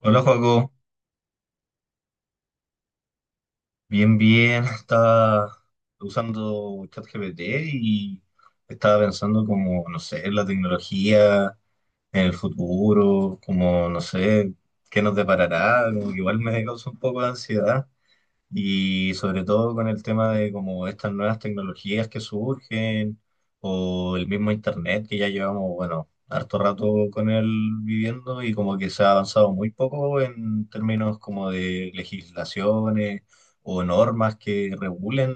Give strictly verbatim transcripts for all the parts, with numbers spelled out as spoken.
Hola, Joaco. Bien, bien. Estaba usando ChatGPT y estaba pensando como, no sé, en la tecnología, en el futuro, como, no sé, qué nos deparará. Como que igual me causa un poco de ansiedad. Y sobre todo con el tema de como estas nuevas tecnologías que surgen o el mismo internet que ya llevamos, bueno, harto rato con él viviendo y como que se ha avanzado muy poco en términos como de legislaciones o normas que regulen,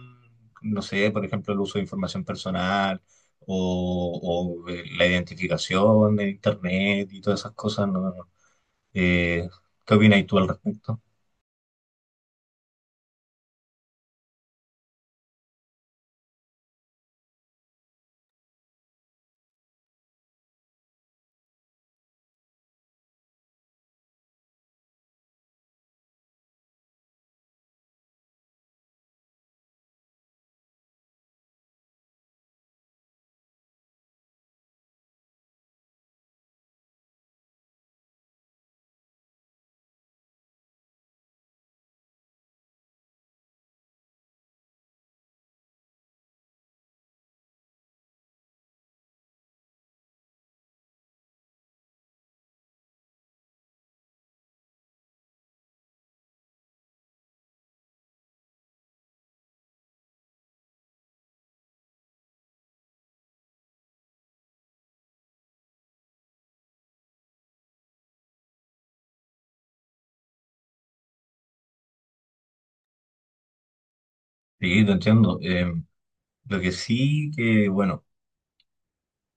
no sé, por ejemplo, el uso de información personal o, o eh, la identificación de internet y todas esas cosas, ¿no? Eh, ¿qué opinas tú al respecto? Sí, te entiendo. Lo que sí que, bueno,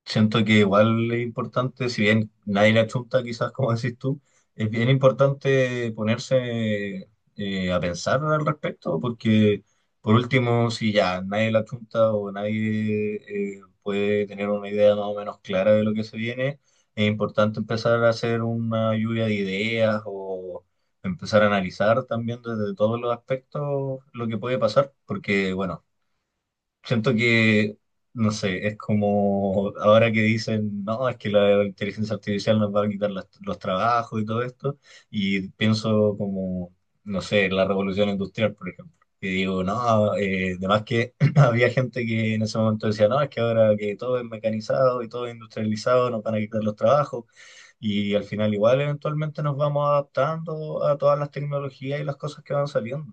siento que igual es importante, si bien nadie la chunta, quizás como decís tú, es bien importante ponerse eh, a pensar al respecto, porque por último, si ya nadie la chunta o nadie eh, puede tener una idea más o menos clara de lo que se viene, es importante empezar a hacer una lluvia de ideas o empezar a analizar también desde todos los aspectos lo que puede pasar, porque, bueno, siento que, no sé, es como ahora que dicen, no, es que la inteligencia artificial nos va a quitar las- los trabajos y todo esto, y pienso como, no sé, la revolución industrial, por ejemplo. Y digo, no, eh, además que había gente que en ese momento decía, no, es que ahora que todo es mecanizado y todo es industrializado, nos van a quitar los trabajos, y al final igual eventualmente nos vamos adaptando a todas las tecnologías y las cosas que van saliendo.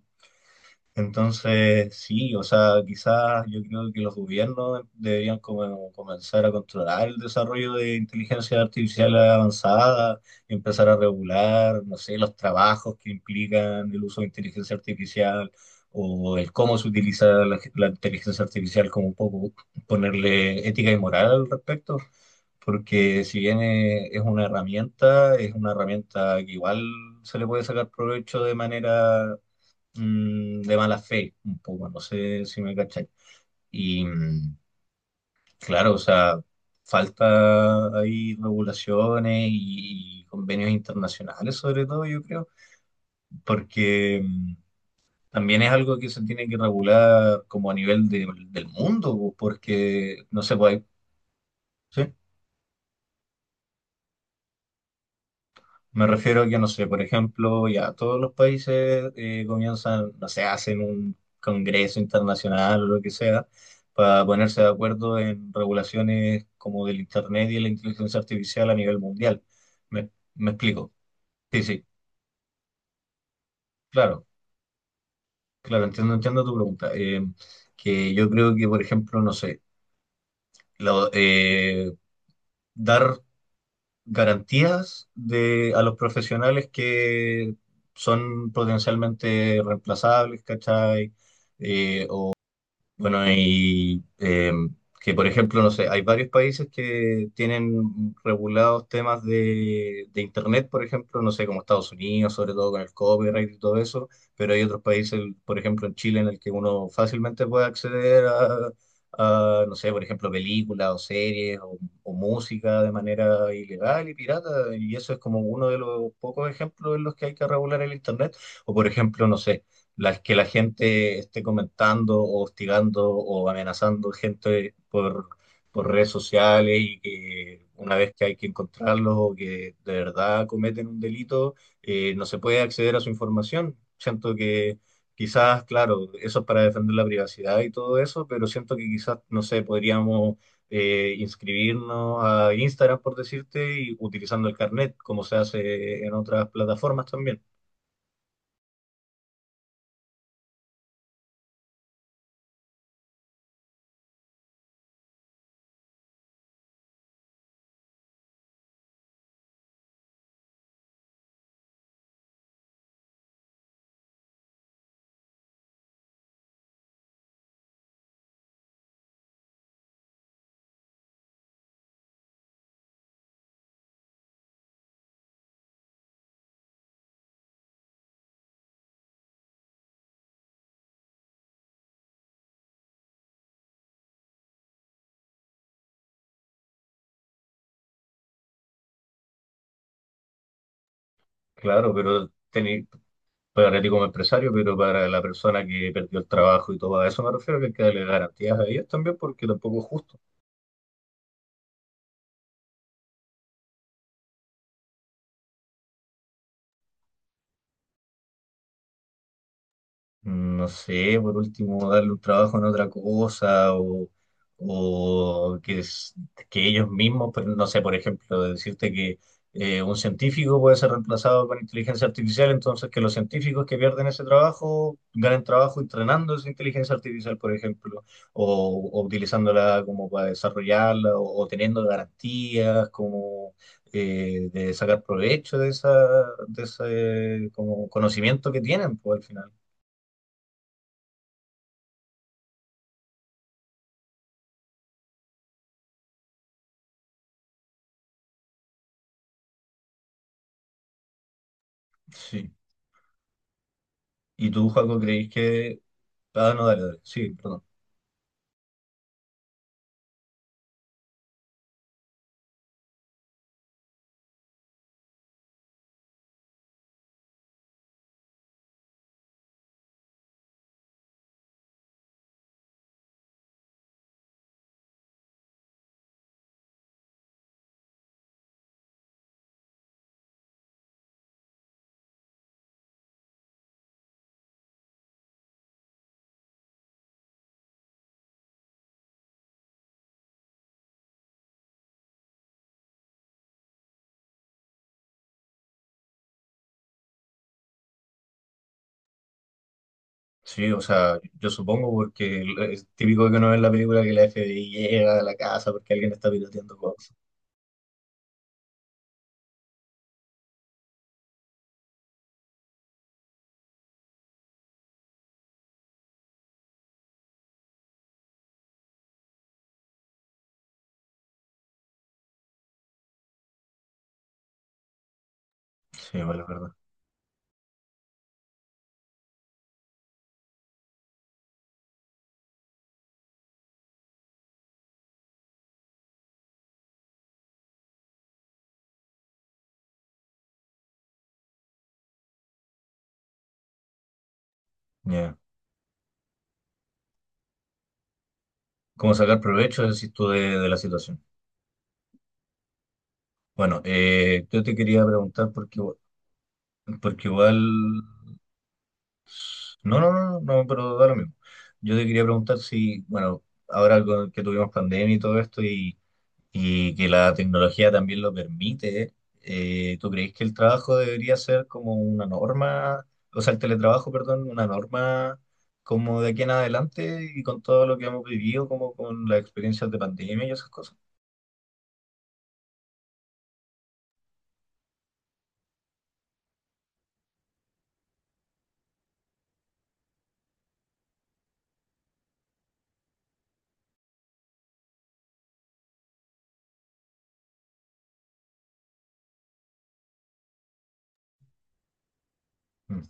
Entonces, sí, o sea, quizás yo creo que los gobiernos deberían como comenzar a controlar el desarrollo de inteligencia artificial avanzada, empezar a regular, no sé, los trabajos que implican el uso de inteligencia artificial o el cómo se utiliza la, la inteligencia artificial, como un poco ponerle ética y moral al respecto porque si bien eh, es una herramienta, es una herramienta que igual se le puede sacar provecho de manera mm, de mala fe, un poco, no sé si me cacháis. Y mm, claro, o sea, falta ahí regulaciones y, convenios internacionales, sobre todo, yo creo, porque mm, también es algo que se tiene que regular como a nivel de- del mundo, porque no se puede. ¿Sí? Me refiero a que, no sé, por ejemplo, ya todos los países eh, comienzan, no sé, hacen un congreso internacional o lo que sea, para ponerse de acuerdo en regulaciones como del Internet y la inteligencia artificial a nivel mundial. ¿Me, me explico? Sí, sí, claro, claro, entiendo, entiendo tu pregunta. Eh, que yo creo que, por ejemplo, no sé, lo- eh, dar garantías de, a los profesionales que son potencialmente reemplazables, ¿cachai? Eh, bueno, y eh, que por ejemplo, no sé, hay varios países que tienen regulados temas de, de Internet, por ejemplo, no sé, como Estados Unidos, sobre todo con el copyright y todo eso, pero hay otros países, por ejemplo, en Chile, en el que uno fácilmente puede acceder a, a, no sé, por ejemplo, películas o series o, o música de manera ilegal y pirata, y eso es como uno de los pocos ejemplos en los que hay que regular el Internet, o por ejemplo, no sé las que la gente esté comentando o hostigando o amenazando gente por, por redes sociales y que una vez que hay que encontrarlos o que de verdad cometen un delito, eh, no se puede acceder a su información. Siento que quizás, claro, eso es para defender la privacidad y todo eso, pero siento que quizás, no sé, podríamos... eh, inscribirnos a Instagram, por decirte, y utilizando el carnet, como se hace en otras plataformas también. Claro, pero teni- para a ti como empresario, pero para la persona que perdió el trabajo y todo, a eso me refiero, que hay que darle garantías a ellos también, porque tampoco es justo. No sé, por último, darle un trabajo en otra cosa o, o que, es- que ellos mismos, pero no sé, por ejemplo, decirte que eh, un científico puede ser reemplazado con inteligencia artificial, entonces que los científicos que pierden ese trabajo ganen trabajo entrenando esa inteligencia artificial, por ejemplo, o, o utilizándola como para desarrollarla o, o teniendo garantías como eh, de sacar provecho de, esa, de ese como conocimiento que tienen, pues al final. Sí. ¿Y tú, Joaco, creís que... Ah, no, dale, dale. Sí, perdón. Sí, o sea, yo supongo porque es típico que uno ve en la película que la F B I llega a la casa porque alguien está piloteando cosas. Sí, vale, es verdad. Ya. ¿Cómo sacar provecho, decís tú, de, de la situación? Bueno, eh, yo te quería preguntar porque, igual- porque igual... No, no, no, no, pero da lo mismo. Yo te quería preguntar si, bueno, ahora con- que tuvimos pandemia y todo esto y y que la tecnología también lo permite, eh, ¿tú crees que el trabajo debería ser como una norma, o sea, el teletrabajo, perdón, una norma como de aquí en adelante y con todo lo que hemos vivido, como con las experiencias de pandemia y esas cosas? Mm.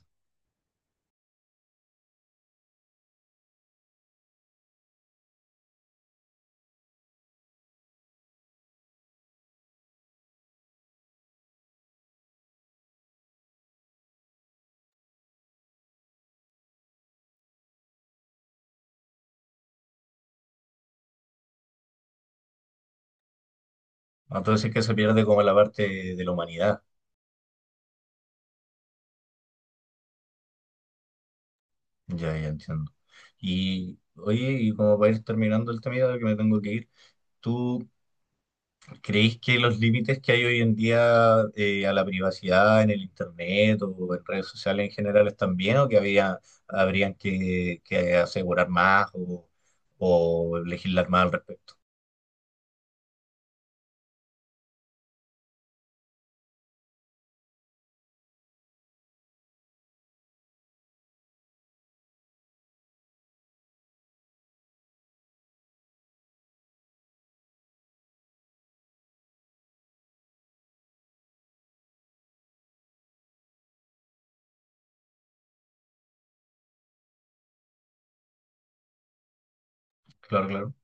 Entonces es que se pierde como la parte de la humanidad, ya, ya entiendo. Y oye, y como para ir terminando el tema, ya que me tengo que ir, ¿tú ¿creéis que los límites que hay hoy en día eh, a la privacidad en el internet o en redes sociales en general están bien o que había, habrían que, que asegurar más o, o legislar más al respecto? Claro, claro,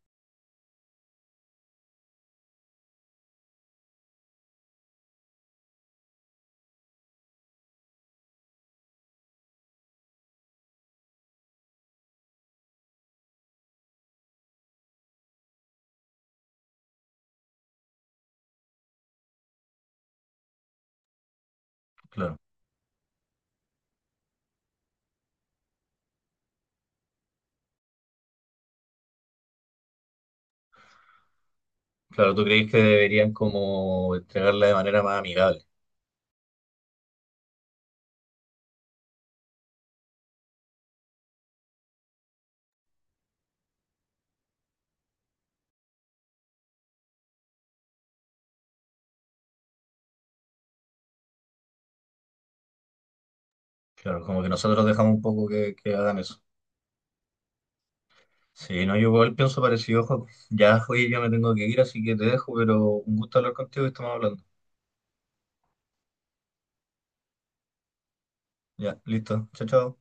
claro. Claro, ¿tú creéis que deberían como entregarla de manera más amigable? Claro, como que nosotros dejamos un poco que, que hagan eso. Sí, no, yo igual pienso parecido, Joaco. Ya, oye, ya me tengo que ir, así que te dejo, pero un gusto hablar contigo y estamos hablando. Ya, listo. Chao, chao.